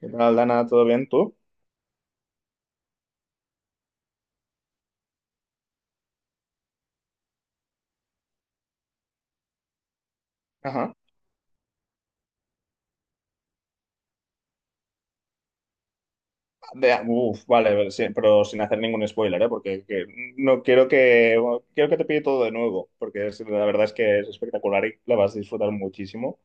¿Qué tal, Dana? ¿Todo bien tú? Ajá. Uf, vale, pero sí, pero sin hacer ningún spoiler, ¿eh? Porque no quiero que bueno, quiero que te pille todo de nuevo, porque la verdad es que es espectacular y la vas a disfrutar muchísimo.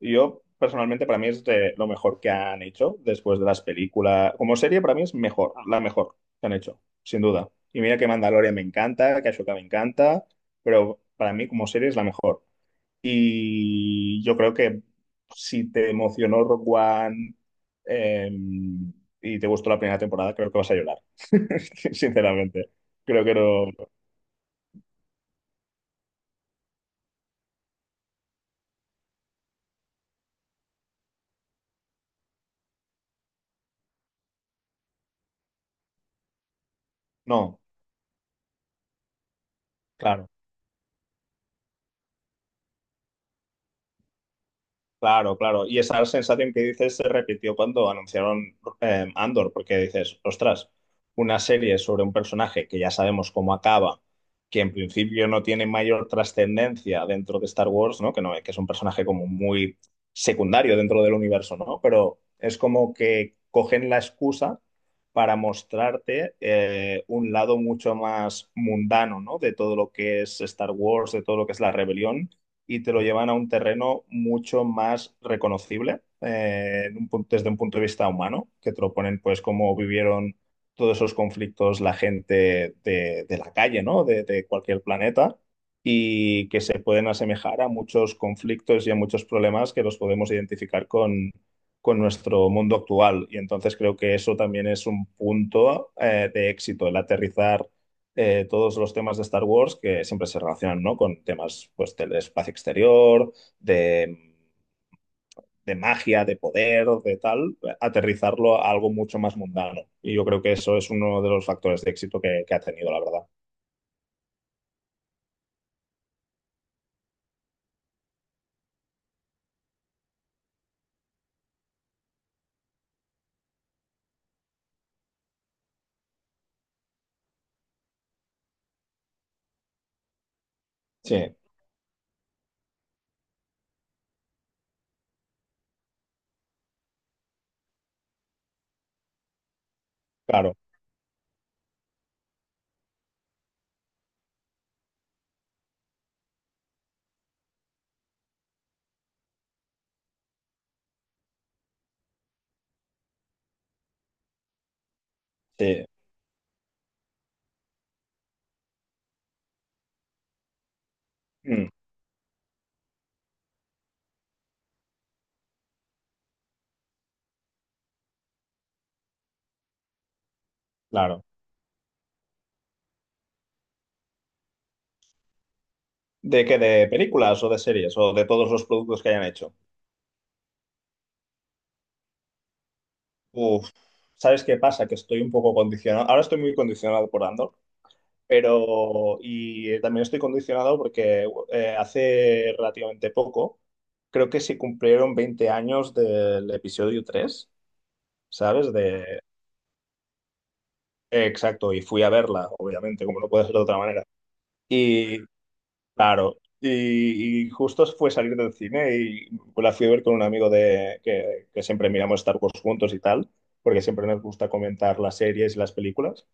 Y yo, personalmente, para mí es de lo mejor que han hecho después de las películas. Como serie, para mí es mejor, la mejor que han hecho, sin duda. Y mira que Mandalorian me encanta, que Ashoka me encanta, pero para mí como serie es la mejor. Y yo creo que si te emocionó Rock One em, y te gustó la primera temporada, creo que vas a llorar. Sinceramente. Creo que no. No, claro. Claro, claro. Y esa sensación que dices se repitió cuando anunciaron Andor, porque dices, ostras, una serie sobre un personaje que ya sabemos cómo acaba, que en principio no tiene mayor trascendencia dentro de Star Wars, ¿no? Que no, que es un personaje como muy secundario dentro del universo, ¿no? Pero es como que cogen la excusa para mostrarte un lado mucho más mundano, ¿no? De todo lo que es Star Wars, de todo lo que es la rebelión y te lo llevan a un terreno mucho más reconocible desde un punto de vista humano, que te lo ponen pues cómo vivieron todos esos conflictos la gente de la calle, ¿no? De cualquier planeta y que se pueden asemejar a muchos conflictos y a muchos problemas que los podemos identificar con nuestro mundo actual. Y entonces creo que eso también es un punto de éxito, el aterrizar todos los temas de Star Wars que siempre se relacionan, ¿no? Con temas, pues, del espacio exterior, de, de magia, de poder, de tal, aterrizarlo a algo mucho más mundano. Y yo creo que eso es uno de los factores de éxito que ha tenido, la verdad. Sí, claro, sí, mm, claro. ¿De qué? ¿De películas o de series o de todos los productos que hayan hecho? Uf, ¿sabes qué pasa? Que estoy un poco condicionado. Ahora estoy muy condicionado por Andor. Pero, y también estoy condicionado porque hace relativamente poco, creo que se cumplieron 20 años del episodio tres, ¿sabes? Exacto, y fui a verla, obviamente, como no puede ser de otra manera. Y, claro, y justo fue salir del cine y la fui a ver con un amigo de, que siempre miramos Star Wars juntos y tal, porque siempre nos gusta comentar las series y las películas.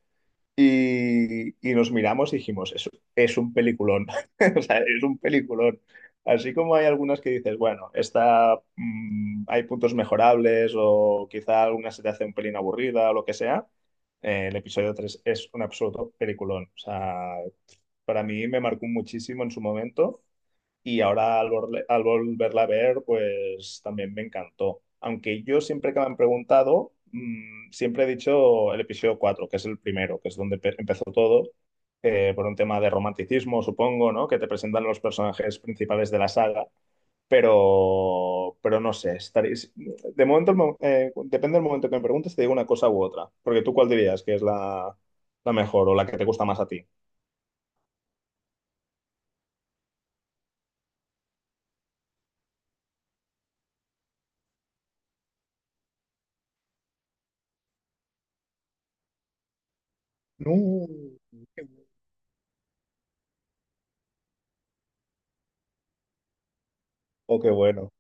Y nos miramos y dijimos, es un peliculón, o sea, es un peliculón. Así como hay algunas que dices, bueno, esta, hay puntos mejorables o quizá alguna se te hace un pelín aburrida o lo que sea, el episodio 3 es un absoluto peliculón. O sea, para mí me marcó muchísimo en su momento y ahora al volverla a ver, pues también me encantó. Aunque yo siempre que me han preguntado, siempre he dicho el episodio 4 que es el primero, que es donde empezó todo, por un tema de romanticismo, supongo, ¿no? Que te presentan los personajes principales de la saga, pero no sé, estaréis... De momento, depende del momento que me preguntes, te digo una cosa u otra, porque tú cuál dirías que es la mejor o la que te gusta más a ti. No, qué bueno. Oh, qué bueno.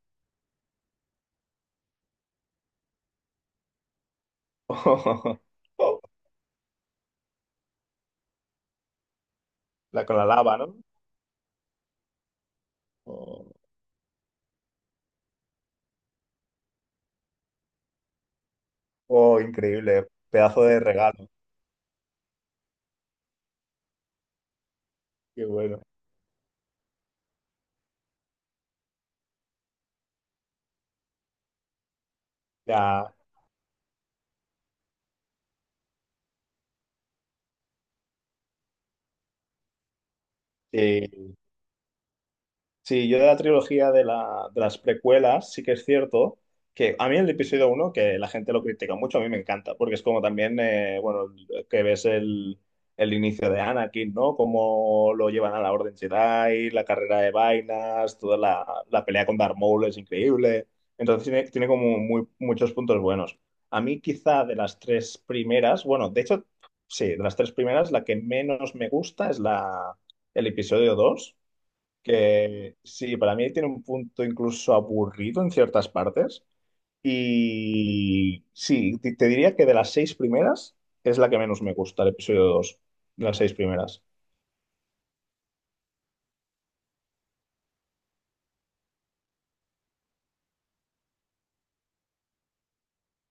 La con la lava, ¿no? Oh, oh, increíble. Pedazo de regalo. Qué bueno. Ya, sí, sí, yo de la trilogía de las precuelas, sí que es cierto que a mí el episodio uno que la gente lo critica mucho, a mí me encanta, porque es como también, bueno, que ves el inicio de Anakin, ¿no? Cómo lo llevan a la Orden Jedi, la carrera de vainas, toda la pelea con Darth Maul es increíble. Entonces tiene como muchos puntos buenos. A mí quizá de las tres primeras, bueno, de hecho, sí, de las tres primeras, la que menos me gusta es el episodio 2 que sí, para mí tiene un punto incluso aburrido en ciertas partes. Y sí, te diría que de las seis primeras es la que menos me gusta, el episodio dos. De las seis primeras.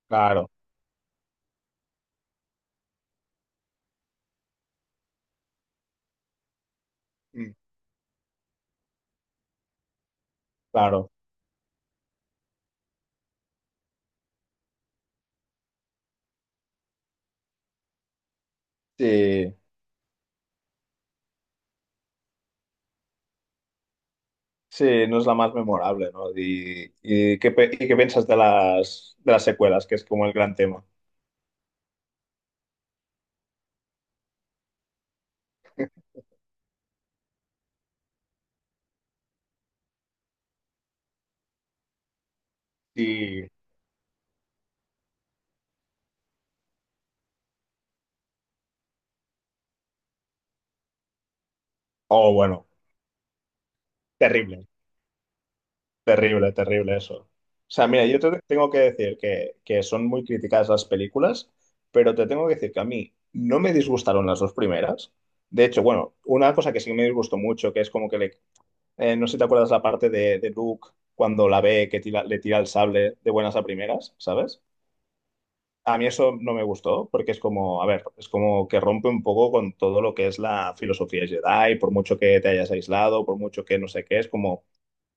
Claro. Mm. Claro. Sí, sí, no es la más memorable, ¿no? ¿Y qué piensas de las secuelas, que es como el gran tema? Y, oh, bueno, terrible. Terrible, terrible eso. O sea, mira, yo te tengo que decir que son muy criticadas las películas, pero te tengo que decir que a mí no me disgustaron las dos primeras. De hecho, bueno, una cosa que sí me disgustó mucho, que es como que le... no sé si te acuerdas la parte de Luke cuando la ve que le tira el sable de buenas a primeras, ¿sabes? A mí eso no me gustó porque es como, a ver, es como que rompe un poco con todo lo que es la filosofía Jedi, por mucho que te hayas aislado, por mucho que no sé qué, es como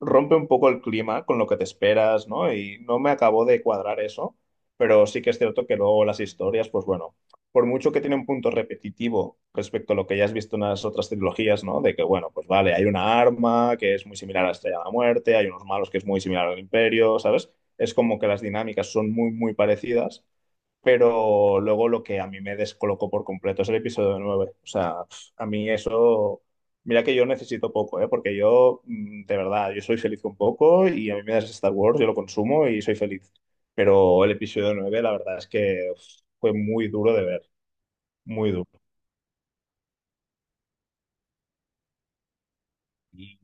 rompe un poco el clima con lo que te esperas, ¿no? Y no me acabó de cuadrar eso, pero sí que es cierto que luego las historias, pues bueno, por mucho que tiene un punto repetitivo respecto a lo que ya has visto en las otras trilogías, ¿no? De que, bueno, pues vale, hay una arma que es muy similar a la Estrella de la Muerte, hay unos malos que es muy similar al Imperio, ¿sabes? Es como que las dinámicas son muy parecidas, pero luego lo que a mí me descolocó por completo es el episodio nueve. O sea, pf, a mí eso, mira que yo necesito poco, ¿eh? Porque yo, de verdad, yo soy feliz con poco y a mí me das Star Wars, yo lo consumo y soy feliz. Pero el episodio 9, la verdad es que uf, fue muy duro de ver, muy duro. Y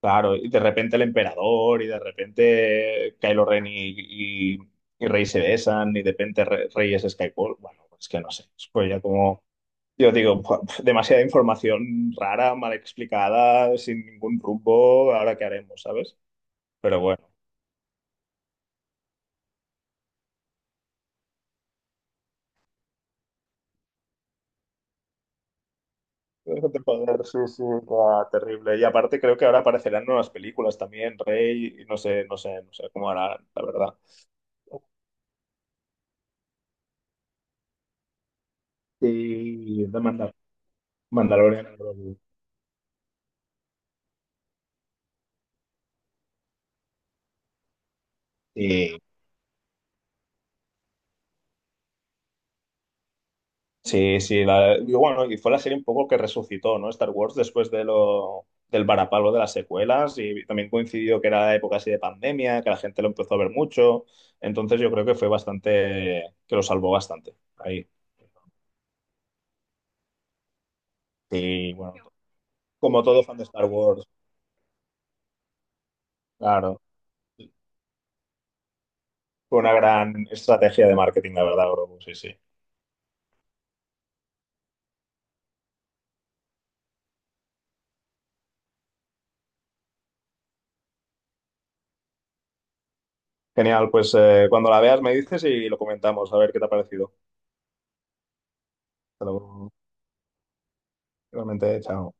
claro, y de repente el emperador y de repente Kylo Ren y, y Rey se besan y de repente Rey es Skywalker. Bueno, es que no sé, es pues ya como yo digo, "Buah, demasiada información rara, mal explicada, sin ningún rumbo, ¿ahora qué haremos, sabes? Pero bueno, déjate joder, sí, sí, buah, terrible. Y aparte creo que ahora aparecerán nuevas películas también, Rey, y no sé, no sé, no sé cómo harán, la verdad. Y de Mandalorian, creo. Sí, sí, y bueno, y fue la serie un poco que resucitó, ¿no? Star Wars después de del varapalo de las secuelas y también coincidió que era época así de pandemia, que la gente lo empezó a ver mucho, entonces yo creo que fue bastante, que lo salvó bastante ahí. Y bueno, como todo fan de Star Wars, claro, fue una gran estrategia de marketing, la verdad, Grogu, sí, sí. Genial, pues cuando la veas me dices y lo comentamos, a ver qué te ha parecido. Hasta luego. Igualmente, chao.